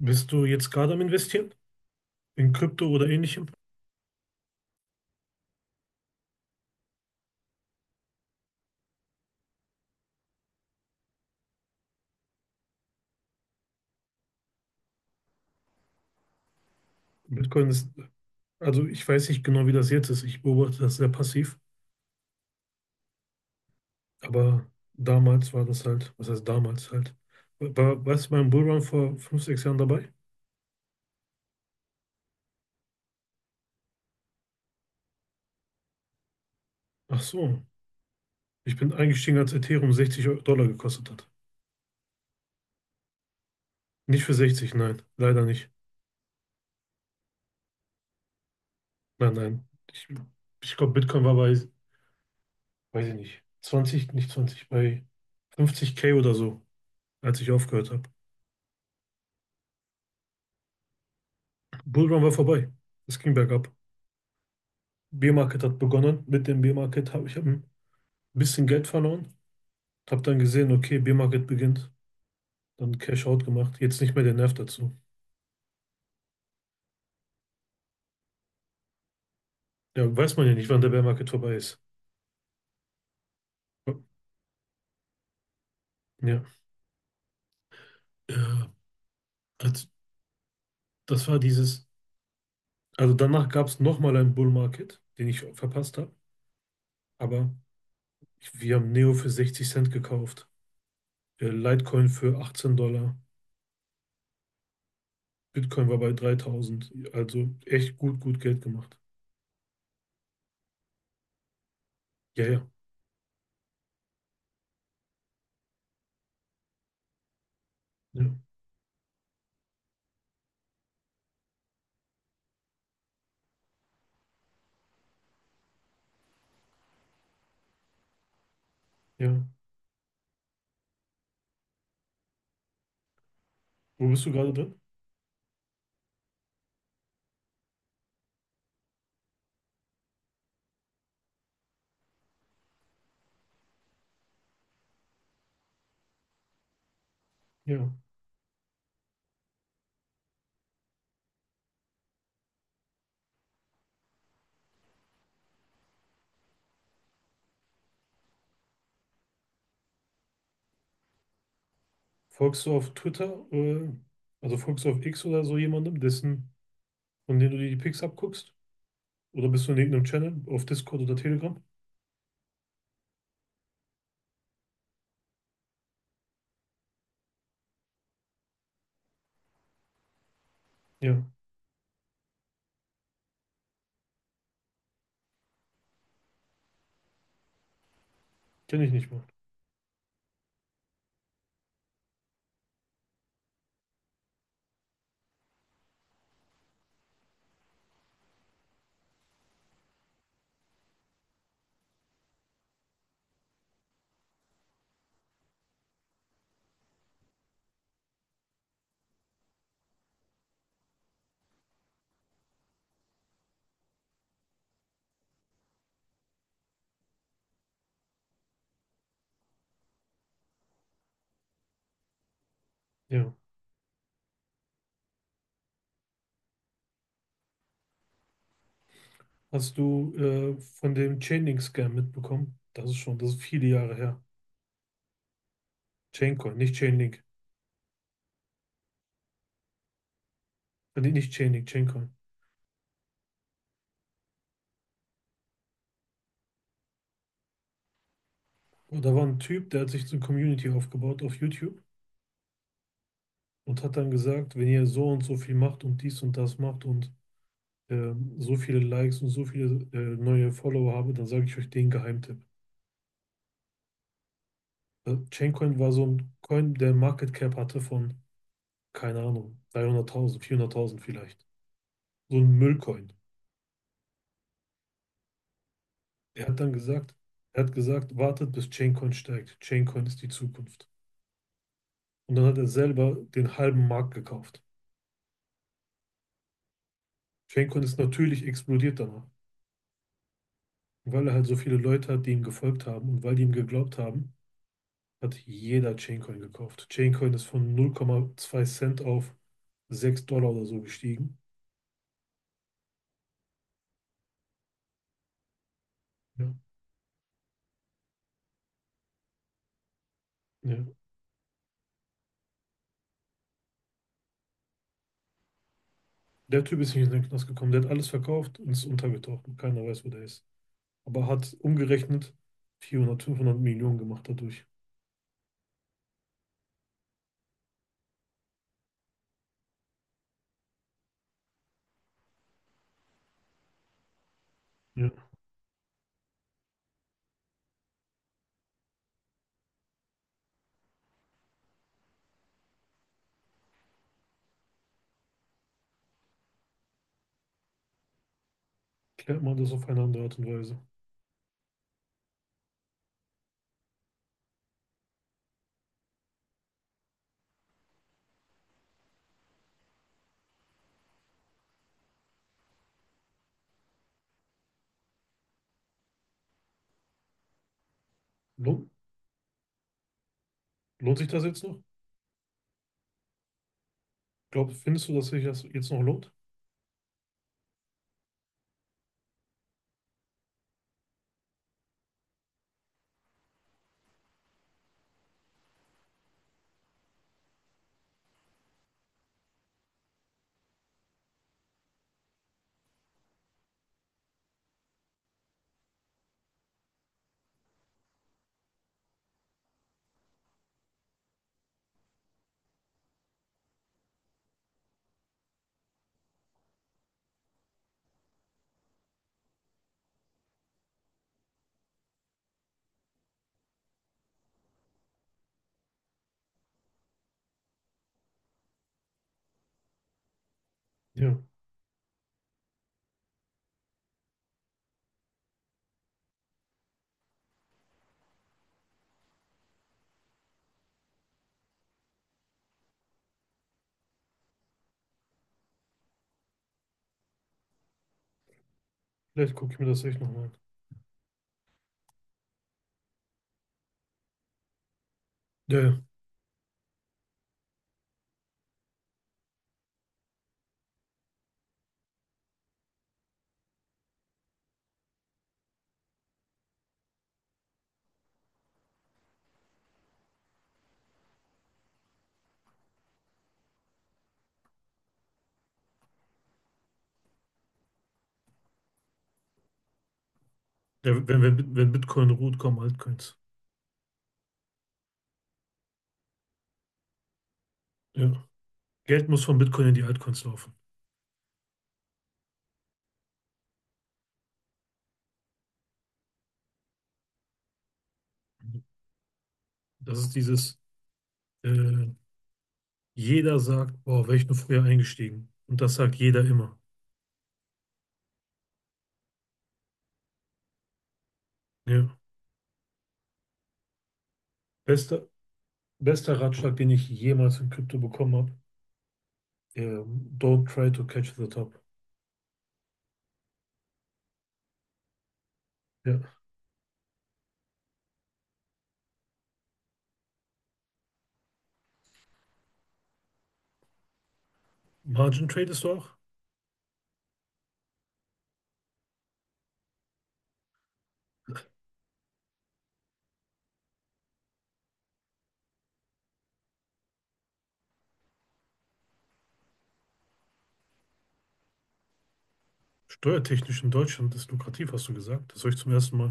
Bist du jetzt gerade am Investieren? In Krypto oder ähnlichem? Bitcoin ist, also ich weiß nicht genau, wie das jetzt ist. Ich beobachte das sehr passiv, aber damals war das halt, was heißt damals halt? Warst du beim Bullrun vor fünf, sechs Jahren dabei? Ach so, ich bin eingestiegen, als Ethereum 60 Dollar gekostet hat. Nicht für 60, nein, leider nicht. Nein, nein. Ich, ich glaube, Bitcoin war bei, weiß ich nicht, 20, nicht 20, bei 50K oder so, als ich aufgehört habe. Bullrun war vorbei. Es ging bergab. B-Market hat begonnen. Mit dem B-Market hab ein bisschen Geld verloren. Habe dann gesehen, okay, B-Market beginnt. Dann Cash Out gemacht. Jetzt nicht mehr der Nerv dazu. Ja, weiß man ja nicht, wann der Bear Market vorbei ist. Ja, ja. als- Das war dieses. Also danach gab es nochmal einen Bull Market, den ich verpasst habe. Aber ich, wir haben Neo für 60 Cent gekauft. Litecoin für 18 Dollar. Bitcoin war bei 3000. Also echt gut, gut Geld gemacht. Ja, ja. Ja, ja. Wo bist du gerade drin? Ja. Folgst du auf Twitter, also folgst du auf X oder so jemandem, dessen, von dem du dir die Pics abguckst? Oder bist du in irgendeinem Channel, auf Discord oder Telegram? Ja, kenne ich nicht mal. Ja. Hast du von dem Chainlink-Scam mitbekommen? Das ist schon, das ist viele Jahre her. Chaincoin, nicht Chainlink. Nee, nicht Chainlink, Chaincoin. Und da war ein Typ, der hat sich eine Community aufgebaut auf YouTube und hat dann gesagt, wenn ihr so und so viel macht und dies und das macht und äh, so viele Likes und so viele neue Follower habe, dann sage ich euch den Geheimtipp. Chaincoin war so ein Coin, der Market Cap hatte von, keine Ahnung, 300.000, 400.000 vielleicht. So ein Müllcoin. Er hat dann gesagt, Er hat gesagt, wartet, bis Chaincoin steigt. Chaincoin ist die Zukunft. Und dann hat er selber den halben Markt gekauft. Chaincoin ist natürlich explodiert danach, weil er halt so viele Leute hat, die ihm gefolgt haben, und weil die ihm geglaubt haben, hat jeder Chaincoin gekauft. Chaincoin ist von 0,2 Cent auf 6 Dollar oder so gestiegen. Ja. Ja. Der Typ ist nicht in den Knast gekommen. Der hat alles verkauft und ist untergetaucht. Und keiner weiß, wo der ist. Aber hat umgerechnet 400, 500 Millionen gemacht dadurch. Ja. Klärt man das auf eine andere Art und Weise. Lohnt, lohnt sich das jetzt noch? Glaub, findest du, dass sich das jetzt noch lohnt? Ja. Vielleicht gucke ich mir das echt nochmal an. Ja, ja. Der, wenn, wenn, wenn Bitcoin ruht, kommen Altcoins. Ja. Geld muss von Bitcoin in die Altcoins laufen. Das ist dieses, äh, jeder sagt, boah, wäre ich nur früher eingestiegen. Und das sagt jeder immer. Ja. Beste, Bester Ratschlag, den ich jemals in Krypto bekommen habe. Don't try to catch the top. Ja. Margin tradest du auch? Steuertechnisch in Deutschland ist lukrativ, hast du gesagt. Das höre ich zum ersten Mal.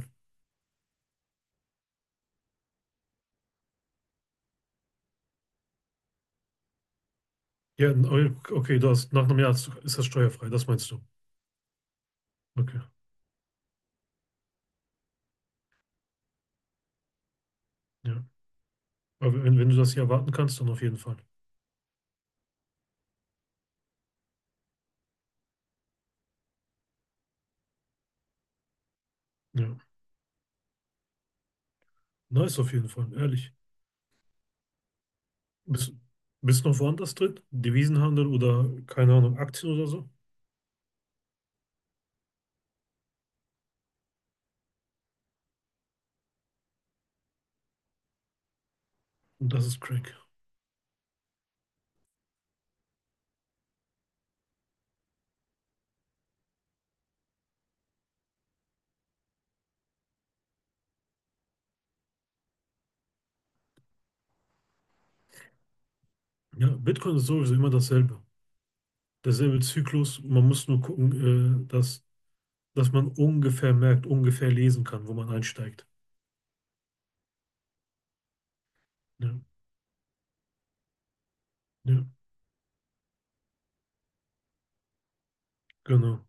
Ja, n- oh, okay, du hast, nach einem Jahr hast du- ist das steuerfrei, das meinst du. Okay, ja. Aber wenn, wenn du das hier erwarten kannst, dann auf jeden Fall. Ja, nice auf jeden Fall, ehrlich. Bist, bist noch woanders drin? Devisenhandel oder, keine Ahnung, Aktien oder so? Und das ist crank. Ja, Bitcoin ist sowieso immer dasselbe derselbe Zyklus. Man muss nur gucken, dass man ungefähr merkt, ungefähr lesen kann, wo man einsteigt. Ja, ja, genau.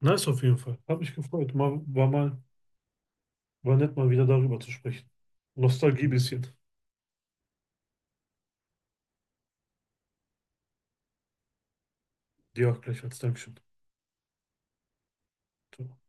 Nice auf jeden Fall. Hab mich gefreut. War nett, mal wieder darüber zu sprechen. Nostalgie bisschen. Dir auch gleich als Dankeschön. Ciao.